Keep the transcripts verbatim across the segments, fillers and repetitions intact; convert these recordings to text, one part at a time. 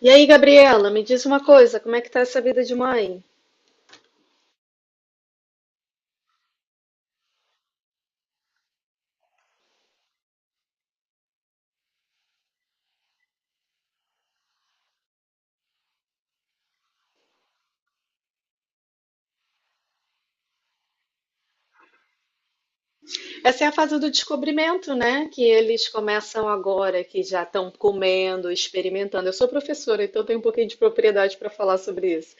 E aí, Gabriela, me diz uma coisa, como é que tá essa vida de mãe? Essa é a fase do descobrimento, né? Que eles começam agora, que já estão comendo, experimentando. Eu sou professora, então tenho um pouquinho de propriedade para falar sobre isso.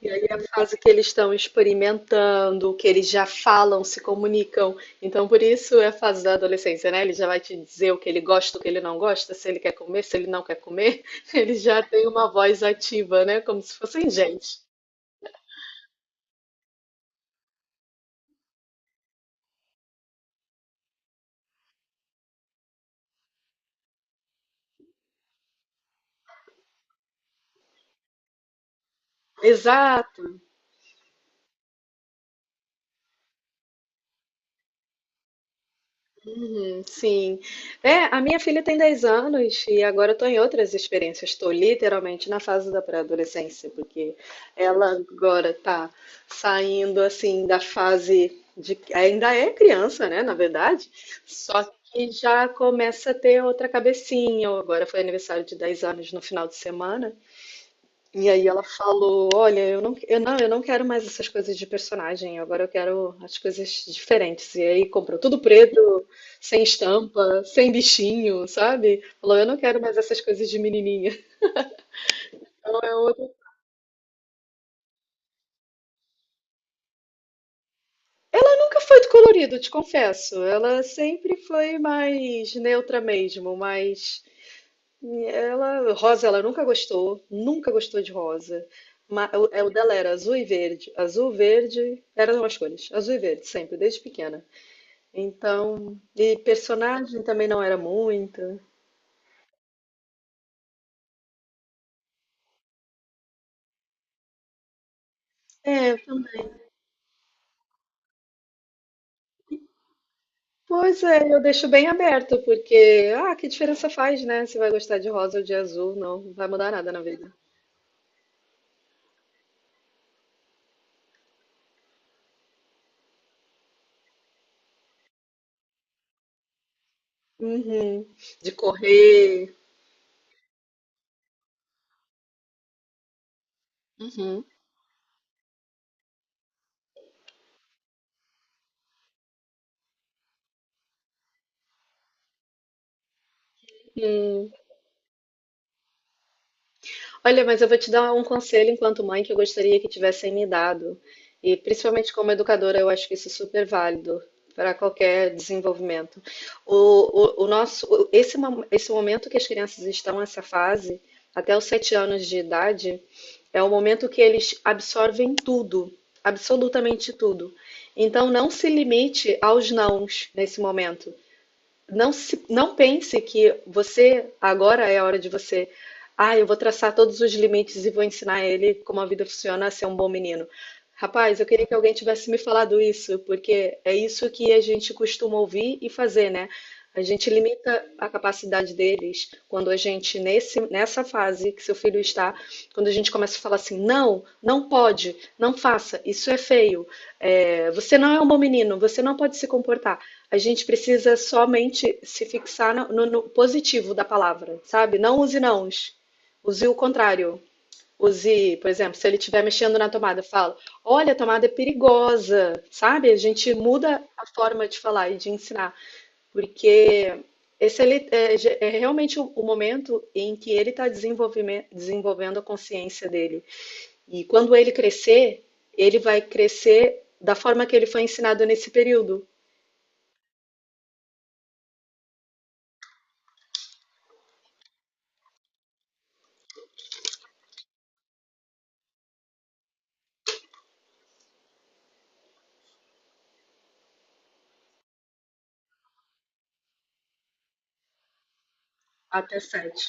E aí é a fase que eles estão experimentando, que eles já falam, se comunicam. Então, por isso é a fase da adolescência, né? Ele já vai te dizer o que ele gosta, o que ele não gosta, se ele quer comer, se ele não quer comer. Ele já tem uma voz ativa, né? Como se fossem gente. Exato. Hum, sim. É, a minha filha tem dez anos e agora estou em outras experiências. Estou literalmente na fase da pré-adolescência, porque ela agora está saindo assim da fase de. Ainda é criança, né? Na verdade, só que já começa a ter outra cabecinha. Agora foi aniversário de dez anos no final de semana. E aí ela falou: Olha, eu não, eu não, eu não quero mais essas coisas de personagem, agora eu quero as coisas diferentes. E aí comprou tudo preto, sem estampa, sem bichinho, sabe? Falou: Eu não quero mais essas coisas de menininha. Então é outro. Nunca foi de colorido, te confesso. Ela sempre foi mais neutra mesmo, mas ela, rosa, ela nunca gostou, nunca gostou de rosa. Ma- O, é, o dela era azul e verde. Azul, verde, eram as cores. Azul e verde, sempre, desde pequena. Então, e personagem também não era muita. É, tam- pois é, eu deixo bem aberto, porque, ah, que diferença faz, né? Se vai gostar de rosa ou de azul, não, não vai mudar nada na vida. Uhum. De correr. Uhum. Hum. Olha, mas eu vou te dar um conselho enquanto mãe que eu gostaria que tivessem me dado. E principalmente como educadora, eu acho que isso é super válido para qualquer desenvolvimento. O, o, o nosso, o- esse, mo- esse momento que as crianças estão nessa fase, até os sete anos de idade, é o momento que eles absorvem tudo, absolutamente tudo. Então, não se limite aos nãos nesse momento não, se- não pense que você agora é a hora de você. Ah, eu vou traçar todos os limites e vou ensinar ele como a vida funciona a ser um bom menino. Rapaz, eu queria que alguém tivesse me falado isso, porque é isso que a gente costuma ouvir e fazer, né? A gente limita a capacidade deles quando a gente, nesse, nessa fase que seu filho está, quando a gente começa a falar assim, não, não pode, não faça, isso é feio, é, você não é um bom menino, você não pode se comportar. A gente precisa somente se fixar no, no- no positivo da palavra, sabe? Não use nãos. Use o contrário. Use, por exemplo, se ele estiver mexendo na tomada, fala: Olha, a tomada é perigosa, sabe? A gente muda a forma de falar e de ensinar, porque esse ele- é, ge- é realmente o, o momento em que ele está desenvolvendo a consciência dele. E quando ele crescer, ele vai crescer da forma que ele foi ensinado nesse período, até sete.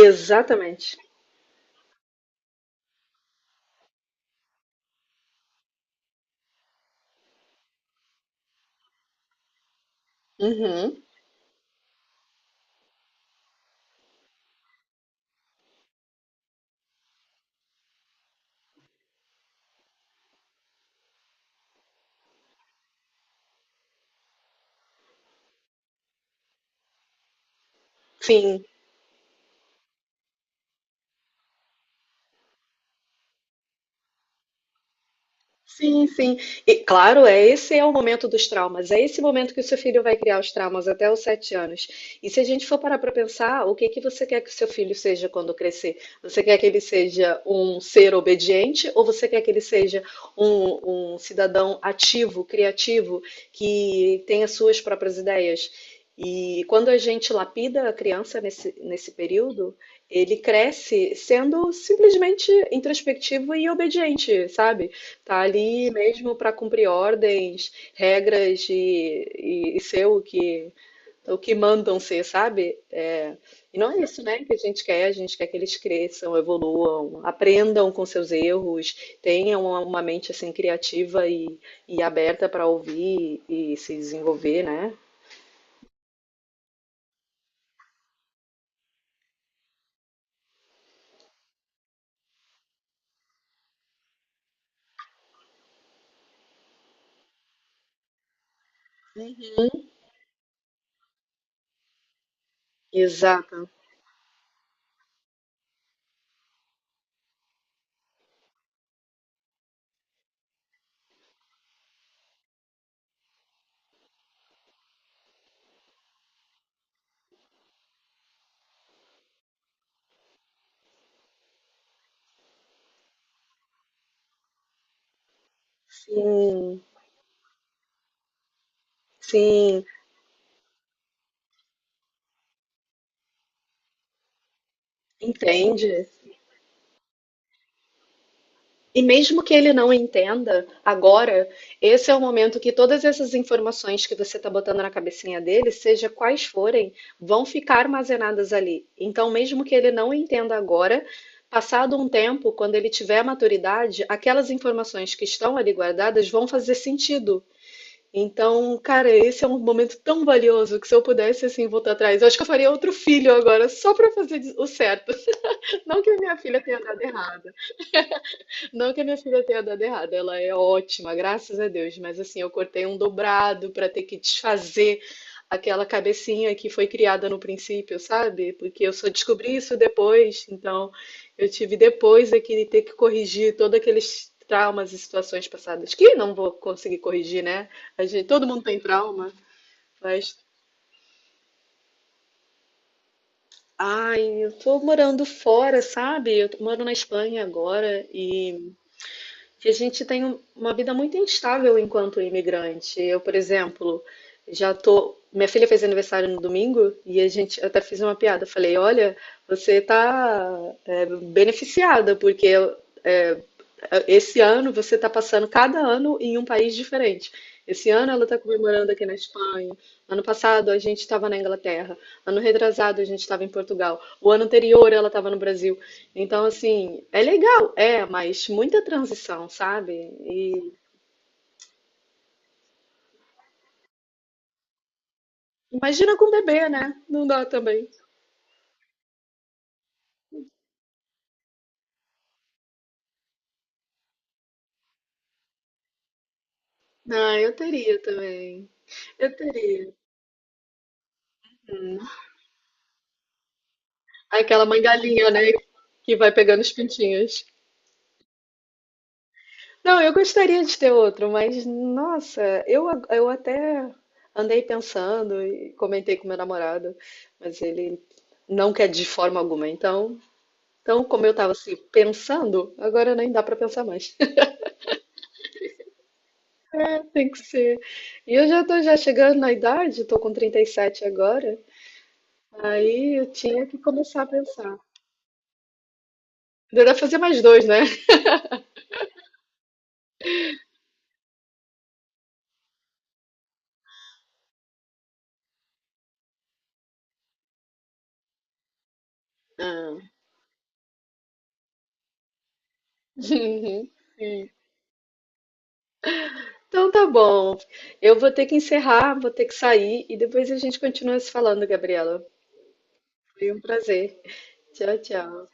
Exatamente. Uhum. Sim. Sim, sim. E claro, é esse é o momento dos traumas. É esse momento que o seu filho vai criar os traumas até os sete anos. E se a gente for parar para pensar, o que que você quer que o seu filho seja quando crescer? Você quer que ele seja um ser obediente ou você quer que ele seja um, um cidadão ativo, criativo, que tenha suas próprias ideias? E quando a gente lapida a criança nesse, nesse período, ele cresce sendo simplesmente introspectivo e obediente, sabe? Tá ali mesmo para cumprir ordens, regras e, e- e ser o que, o que, mandam ser, sabe? É, e não é isso, né, que a gente quer. A gente quer que eles cresçam, evoluam, aprendam com seus erros, tenham uma, uma mente assim criativa e, e aberta para ouvir e se desenvolver, né? Uhum. Exato. Sim, sim, entende. E mesmo que ele não entenda agora, esse é o momento que todas essas informações que você está botando na cabecinha dele, seja quais forem, vão ficar armazenadas ali. Então, mesmo que ele não entenda agora, passado um tempo, quando ele tiver maturidade, aquelas informações que estão ali guardadas vão fazer sentido. Então, cara, esse é um momento tão valioso que se eu pudesse assim voltar atrás, eu acho que eu faria outro filho agora, só para fazer o certo. Não que a minha filha tenha dado errado. Não que a minha filha tenha dado errado, ela é ótima, graças a Deus, mas assim, eu cortei um dobrado para ter que desfazer aquela cabecinha que foi criada no princípio, sabe? Porque eu só descobri isso depois, então eu tive depois é que ter que corrigir todos aqueles traumas e situações passadas, que não vou conseguir corrigir, né? A gente, todo mundo tem trauma, mas. Ai, eu tô morando fora, sabe? Eu tô- moro na Espanha agora e. Que a gente tem um- uma vida muito instável enquanto imigrante. Eu, por exemplo, já tô. Minha filha fez aniversário no domingo e a gente eu até fiz uma piada. Falei, olha, você tá é, beneficiada, porque eh, esse ano você está passando cada ano em um país diferente. Esse ano ela está comemorando aqui na Espanha. Ano passado a gente estava na Inglaterra. Ano retrasado a gente estava em Portugal. O ano anterior ela estava no Brasil. Então, assim, é legal, é, mas muita transição, sabe? E imagina com bebê, né? Não dá também. Ah, eu teria também. Eu teria. Aquela mãe galinha, né? Que vai pegando os pintinhos. Não, eu gostaria de ter outro, mas nossa, eu, a- eu até andei pensando e comentei com meu namorado, mas ele não quer de forma alguma. Então, então como eu estava assim pensando, agora nem dá para pensar mais. É, tem que ser. E eu já tô já chegando na idade, tô com trinta e sete agora, aí eu tinha que começar a pensar. Ainda dá pra fazer mais dois, né? Ah. Uhum. Então tá bom. Eu vou ter que encerrar, vou ter que sair e depois a gente continua se falando, Gabriela. Foi um prazer. Tchau, tchau.